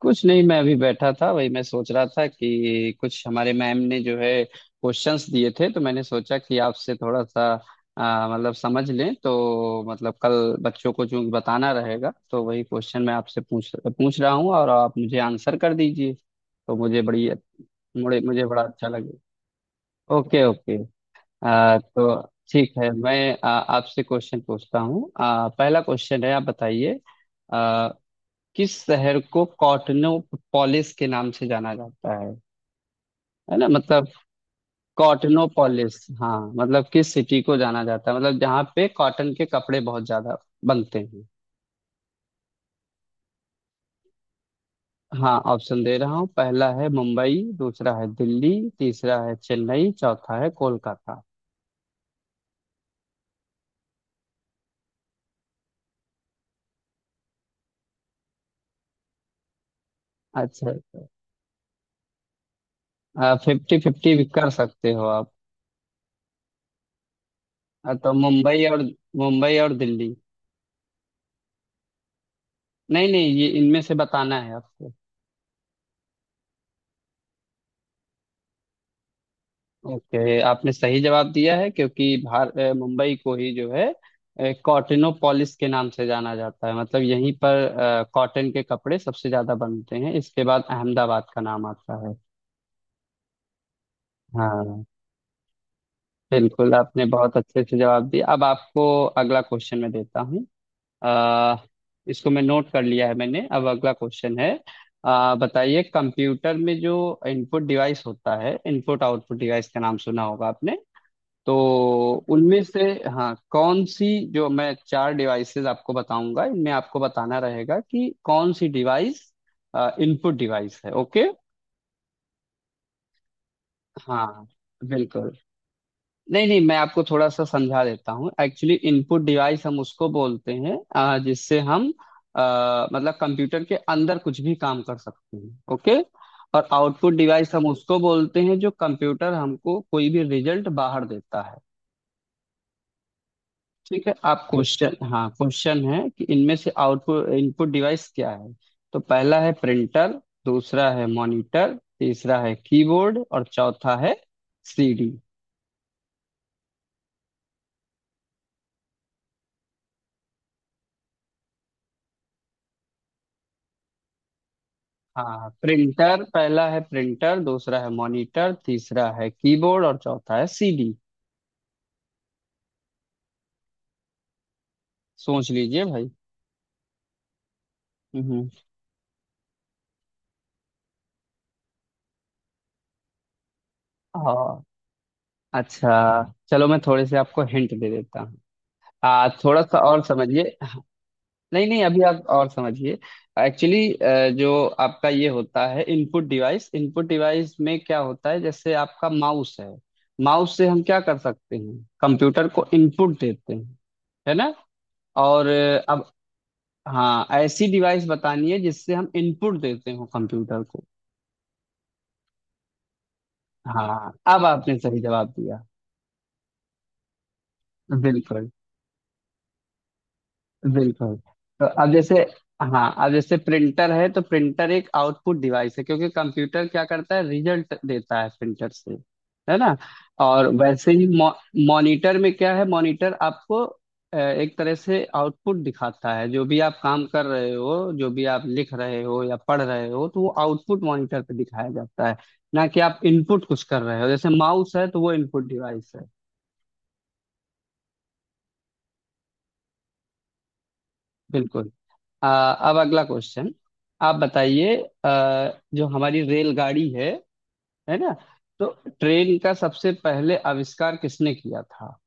कुछ नहीं, मैं अभी बैठा था। वही मैं सोच रहा था कि कुछ हमारे मैम ने जो है क्वेश्चंस दिए थे, तो मैंने सोचा कि आपसे थोड़ा सा मतलब समझ लें, तो मतलब कल बच्चों को जो बताना रहेगा तो वही क्वेश्चन मैं आपसे पूछ पूछ रहा हूँ और आप मुझे आंसर कर दीजिए तो मुझे बड़ी मुझे मुझे बड़ा अच्छा लगे। Okay okay. तो ठीक है, मैं आपसे क्वेश्चन पूछता हूँ। पहला क्वेश्चन है, आप बताइए किस शहर को कॉटनो पॉलिस के नाम से जाना जाता है ना? मतलब कॉटनो पॉलिस, हाँ, मतलब किस सिटी को जाना जाता है, मतलब जहाँ पे कॉटन के कपड़े बहुत ज्यादा बनते हैं। हाँ, ऑप्शन दे रहा हूँ। पहला है मुंबई, दूसरा है दिल्ली, तीसरा है चेन्नई, चौथा है कोलकाता। अच्छा, अच्छा, फिफ्टी फिफ्टी भी कर सकते हो आप। तो मुंबई और दिल्ली। नहीं नहीं, ये इनमें से बताना है आपको। ओके, आपने सही जवाब दिया है, क्योंकि भार मुंबई को ही जो है कॉटनोपोलिस के नाम से जाना जाता है। मतलब यहीं पर कॉटन के कपड़े सबसे ज्यादा बनते हैं। इसके बाद अहमदाबाद का नाम आता है। हाँ, बिल्कुल, आपने बहुत अच्छे से जवाब दिया। अब आपको अगला क्वेश्चन मैं देता हूँ। अ, इसको मैं नोट कर लिया है मैंने। अब अगला क्वेश्चन है, बताइए कंप्यूटर में जो इनपुट डिवाइस होता है, इनपुट आउटपुट डिवाइस का नाम सुना होगा आपने, तो उनमें से हाँ कौन सी। जो मैं चार डिवाइसेस आपको बताऊंगा, इनमें आपको बताना रहेगा कि कौन सी डिवाइस इनपुट डिवाइस है। ओके, हाँ, बिल्कुल। नहीं नहीं, मैं आपको थोड़ा सा समझा देता हूँ। एक्चुअली इनपुट डिवाइस हम उसको बोलते हैं जिससे हम मतलब कंप्यूटर के अंदर कुछ भी काम कर सकते हैं। ओके, और आउटपुट डिवाइस हम उसको बोलते हैं जो कंप्यूटर हमको कोई भी रिजल्ट बाहर देता है। ठीक है, आप क्वेश्चन, हाँ, क्वेश्चन है कि इनमें से आउटपुट इनपुट डिवाइस क्या है। तो पहला है प्रिंटर, दूसरा है मॉनिटर, तीसरा है कीबोर्ड और चौथा है सीडी। हाँ, प्रिंटर, पहला है प्रिंटर, दूसरा है मॉनिटर, तीसरा है कीबोर्ड और चौथा है सीडी। सोच लीजिए भाई। हम्म हाँ, अच्छा, चलो मैं थोड़े से आपको हिंट दे देता हूँ। आ, थोड़ा सा और समझिए। नहीं नहीं, अभी आप और समझिए। एक्चुअली जो आपका ये होता है इनपुट डिवाइस, इनपुट डिवाइस में क्या होता है, जैसे आपका माउस है। माउस से हम क्या कर सकते हैं, कंप्यूटर को इनपुट देते हैं, है ना। और अब हाँ, ऐसी डिवाइस बतानी है जिससे हम इनपुट देते हो कंप्यूटर को। हाँ, अब आपने सही जवाब दिया। बिल्कुल बिल्कुल। तो अब जैसे हाँ, अब जैसे प्रिंटर है, तो प्रिंटर एक आउटपुट डिवाइस है, क्योंकि कंप्यूटर क्या करता है, रिजल्ट देता है प्रिंटर से, है ना। और वैसे ही मॉनिटर में क्या है, मॉनिटर आपको एक तरह से आउटपुट दिखाता है। जो भी आप काम कर रहे हो, जो भी आप लिख रहे हो या पढ़ रहे हो, तो वो आउटपुट मॉनिटर पे दिखाया जाता है, ना कि आप इनपुट कुछ कर रहे हो। जैसे माउस है, तो वो इनपुट डिवाइस है। बिल्कुल, अब अगला क्वेश्चन आप बताइए। आ, जो हमारी रेलगाड़ी है ना, तो ट्रेन का सबसे पहले आविष्कार किसने किया था।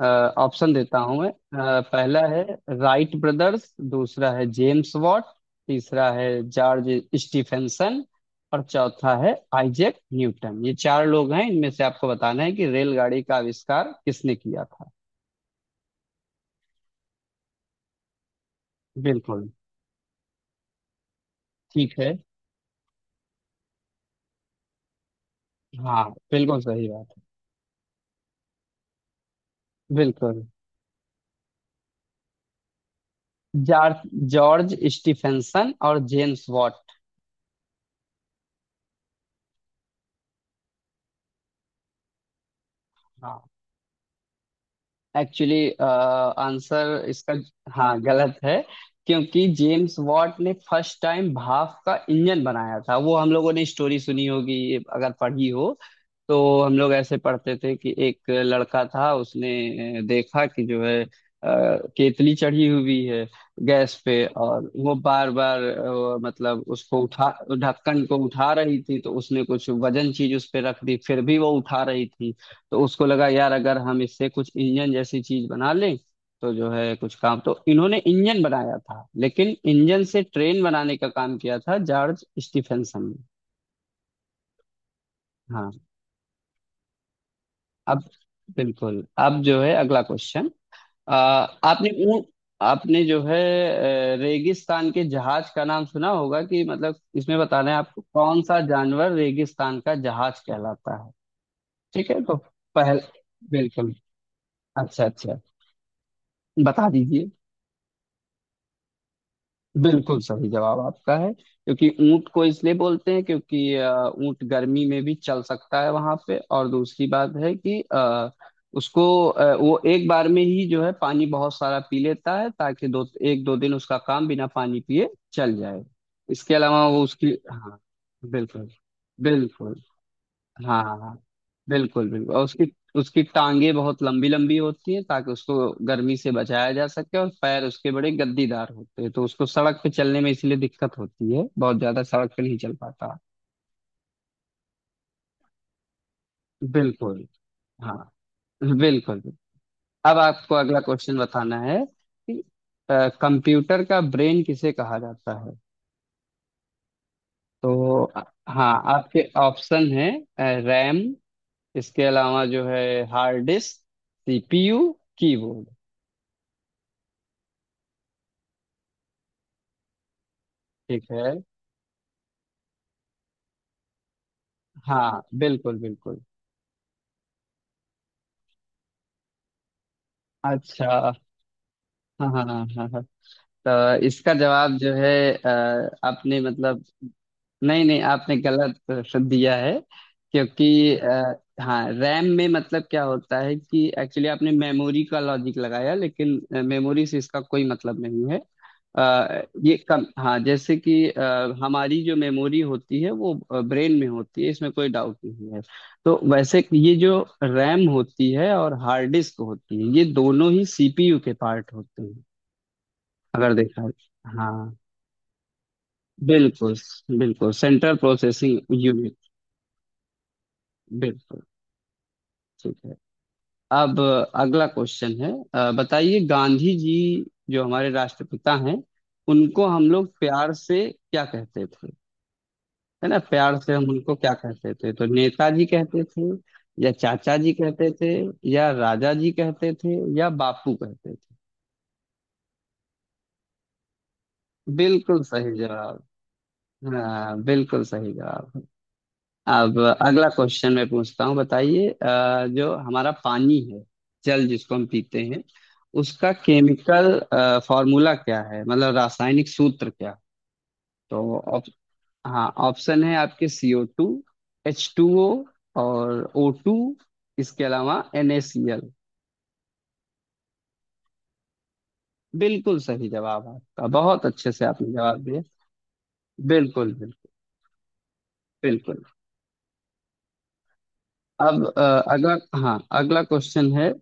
अ, ऑप्शन देता हूं मैं। पहला है राइट ब्रदर्स, दूसरा है जेम्स वॉट, तीसरा है जॉर्ज स्टीफेंसन और चौथा है आइजैक न्यूटन। ये चार लोग हैं, इनमें से आपको बताना है कि रेलगाड़ी का आविष्कार किसने किया था। बिल्कुल। ठीक है। हाँ, बिल्कुल सही बात। बिल्कुल। जॉर्ज जॉर्ज स्टीफेंसन और जेम्स वॉट। हाँ, एक्चुअली आंसर इसका, हाँ, गलत है, क्योंकि जेम्स वॉट ने फर्स्ट टाइम भाप का इंजन बनाया था। वो हम लोगों ने स्टोरी सुनी होगी, अगर पढ़ी हो तो। हम लोग ऐसे पढ़ते थे कि एक लड़का था, उसने देखा कि जो है केतली चढ़ी हुई है गैस पे, और वो बार बार मतलब उसको उठा ढक्कन को उठा रही थी। तो उसने कुछ वजन चीज उस पे रख दी, फिर भी वो उठा रही थी। तो उसको लगा यार, अगर हम इससे कुछ इंजन जैसी चीज बना लें, तो जो है कुछ काम। तो इन्होंने इंजन बनाया था, लेकिन इंजन से ट्रेन बनाने का काम किया था जॉर्ज स्टीफेंसन ने। हाँ, अब बिल्कुल, अब जो है अगला क्वेश्चन, आ, आपने ऊँट, आपने जो है रेगिस्तान के जहाज का नाम सुना होगा कि, मतलब इसमें बताना है आपको कौन सा जानवर रेगिस्तान का जहाज कहलाता है। ठीक है तो पहल, बिल्कुल, अच्छा अच्छा, बता दीजिए। बिल्कुल सही जवाब आपका है, क्योंकि ऊंट को इसलिए बोलते हैं, क्योंकि ऊंट गर्मी में भी चल सकता है वहां पे। और दूसरी बात है कि उसको वो एक बार में ही जो है पानी बहुत सारा पी लेता है, ताकि दो, एक दो दिन उसका काम बिना पानी पिए चल जाए। इसके अलावा वो उसकी, हाँ, बिल्कुल बिल्कुल। हाँ हाँ हाँ, बिल्कुल बिल्कुल, और उसकी, उसकी टांगे बहुत लंबी लंबी होती हैं, ताकि उसको गर्मी से बचाया जा सके। और पैर उसके बड़े गद्दीदार होते हैं, तो उसको सड़क पे चलने में इसलिए दिक्कत होती है, बहुत ज्यादा सड़क पे नहीं चल पाता। बिल्कुल, हाँ, बिल्कुल, अब आपको अगला क्वेश्चन बताना है कि कंप्यूटर का ब्रेन किसे कहा जाता है। तो हाँ, आपके ऑप्शन है रैम, इसके अलावा जो है हार्ड डिस्क, सीपीयू, कीबोर्ड। ठीक है, हाँ, बिल्कुल बिल्कुल। अच्छा, हाँ हाँ हाँ हाँ हाँ। तो इसका जवाब जो है आपने मतलब, नहीं नहीं, आपने गलत दिया है, क्योंकि हाँ, रैम में मतलब क्या होता है कि एक्चुअली आपने मेमोरी का लॉजिक लगाया, लेकिन मेमोरी से इसका कोई मतलब नहीं है। ये कम, हाँ जैसे कि हमारी जो मेमोरी होती है वो ब्रेन में होती है, इसमें कोई डाउट नहीं है। तो वैसे ये जो रैम होती है और हार्ड डिस्क होती है, ये दोनों ही सीपीयू के पार्ट होते हैं, अगर देखा। हाँ, बिल्कुल, बिल्कुल सेंट्रल प्रोसेसिंग यूनिट। बिल्कुल, ठीक है, अब अगला क्वेश्चन है, बताइए गांधी जी जो हमारे राष्ट्रपिता हैं, उनको हम लोग प्यार से क्या कहते थे, है ना, प्यार से हम उनको क्या कहते थे। तो नेताजी कहते थे, या चाचा जी कहते थे, या राजा जी कहते थे, या बापू कहते थे। बिल्कुल सही जवाब, हाँ, बिल्कुल सही जवाब। अब अगला क्वेश्चन मैं पूछता हूँ, बताइए जो हमारा पानी है, जल जिसको हम पीते हैं, उसका केमिकल फॉर्मूला क्या है, मतलब रासायनिक सूत्र क्या है? तो हाँ, ऑप्शन है आपके, CO two, H two O, और ओ टू, इसके अलावा NaCl। बिल्कुल सही जवाब आपका, बहुत अच्छे से आपने जवाब दिया। बिल्कुल बिल्कुल बिल्कुल। अब अगला, हाँ, अगला क्वेश्चन है,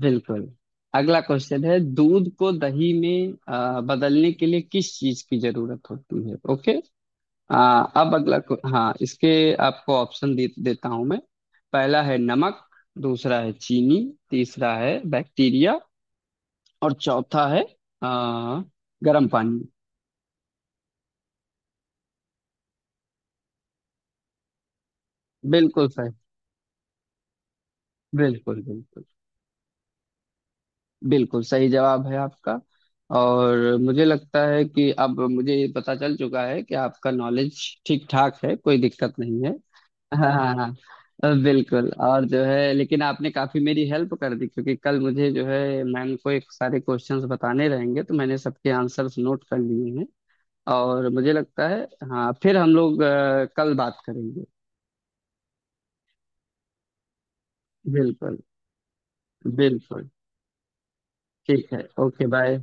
बिल्कुल, अगला क्वेश्चन है दूध को दही में बदलने के लिए किस चीज की जरूरत होती है। ओके, अब हाँ, इसके आपको देता हूं मैं। पहला है नमक, दूसरा है चीनी, तीसरा है बैक्टीरिया, और चौथा है आ, गर्म पानी। बिल्कुल सही, बिल्कुल बिल्कुल, बिल्कुल सही जवाब है आपका। और मुझे लगता है कि अब मुझे पता चल चुका है कि आपका नॉलेज ठीक ठाक है, कोई दिक्कत नहीं है। हाँ हाँ हाँ, बिल्कुल, और जो है लेकिन आपने काफी मेरी हेल्प कर दी, क्योंकि कल मुझे जो है मैम को एक सारे क्वेश्चंस बताने रहेंगे, तो मैंने सबके आंसर्स नोट कर लिए हैं। और मुझे लगता है, हाँ, फिर हम लोग कल बात करेंगे। बिल्कुल बिल्कुल, ठीक है, ओके बाय।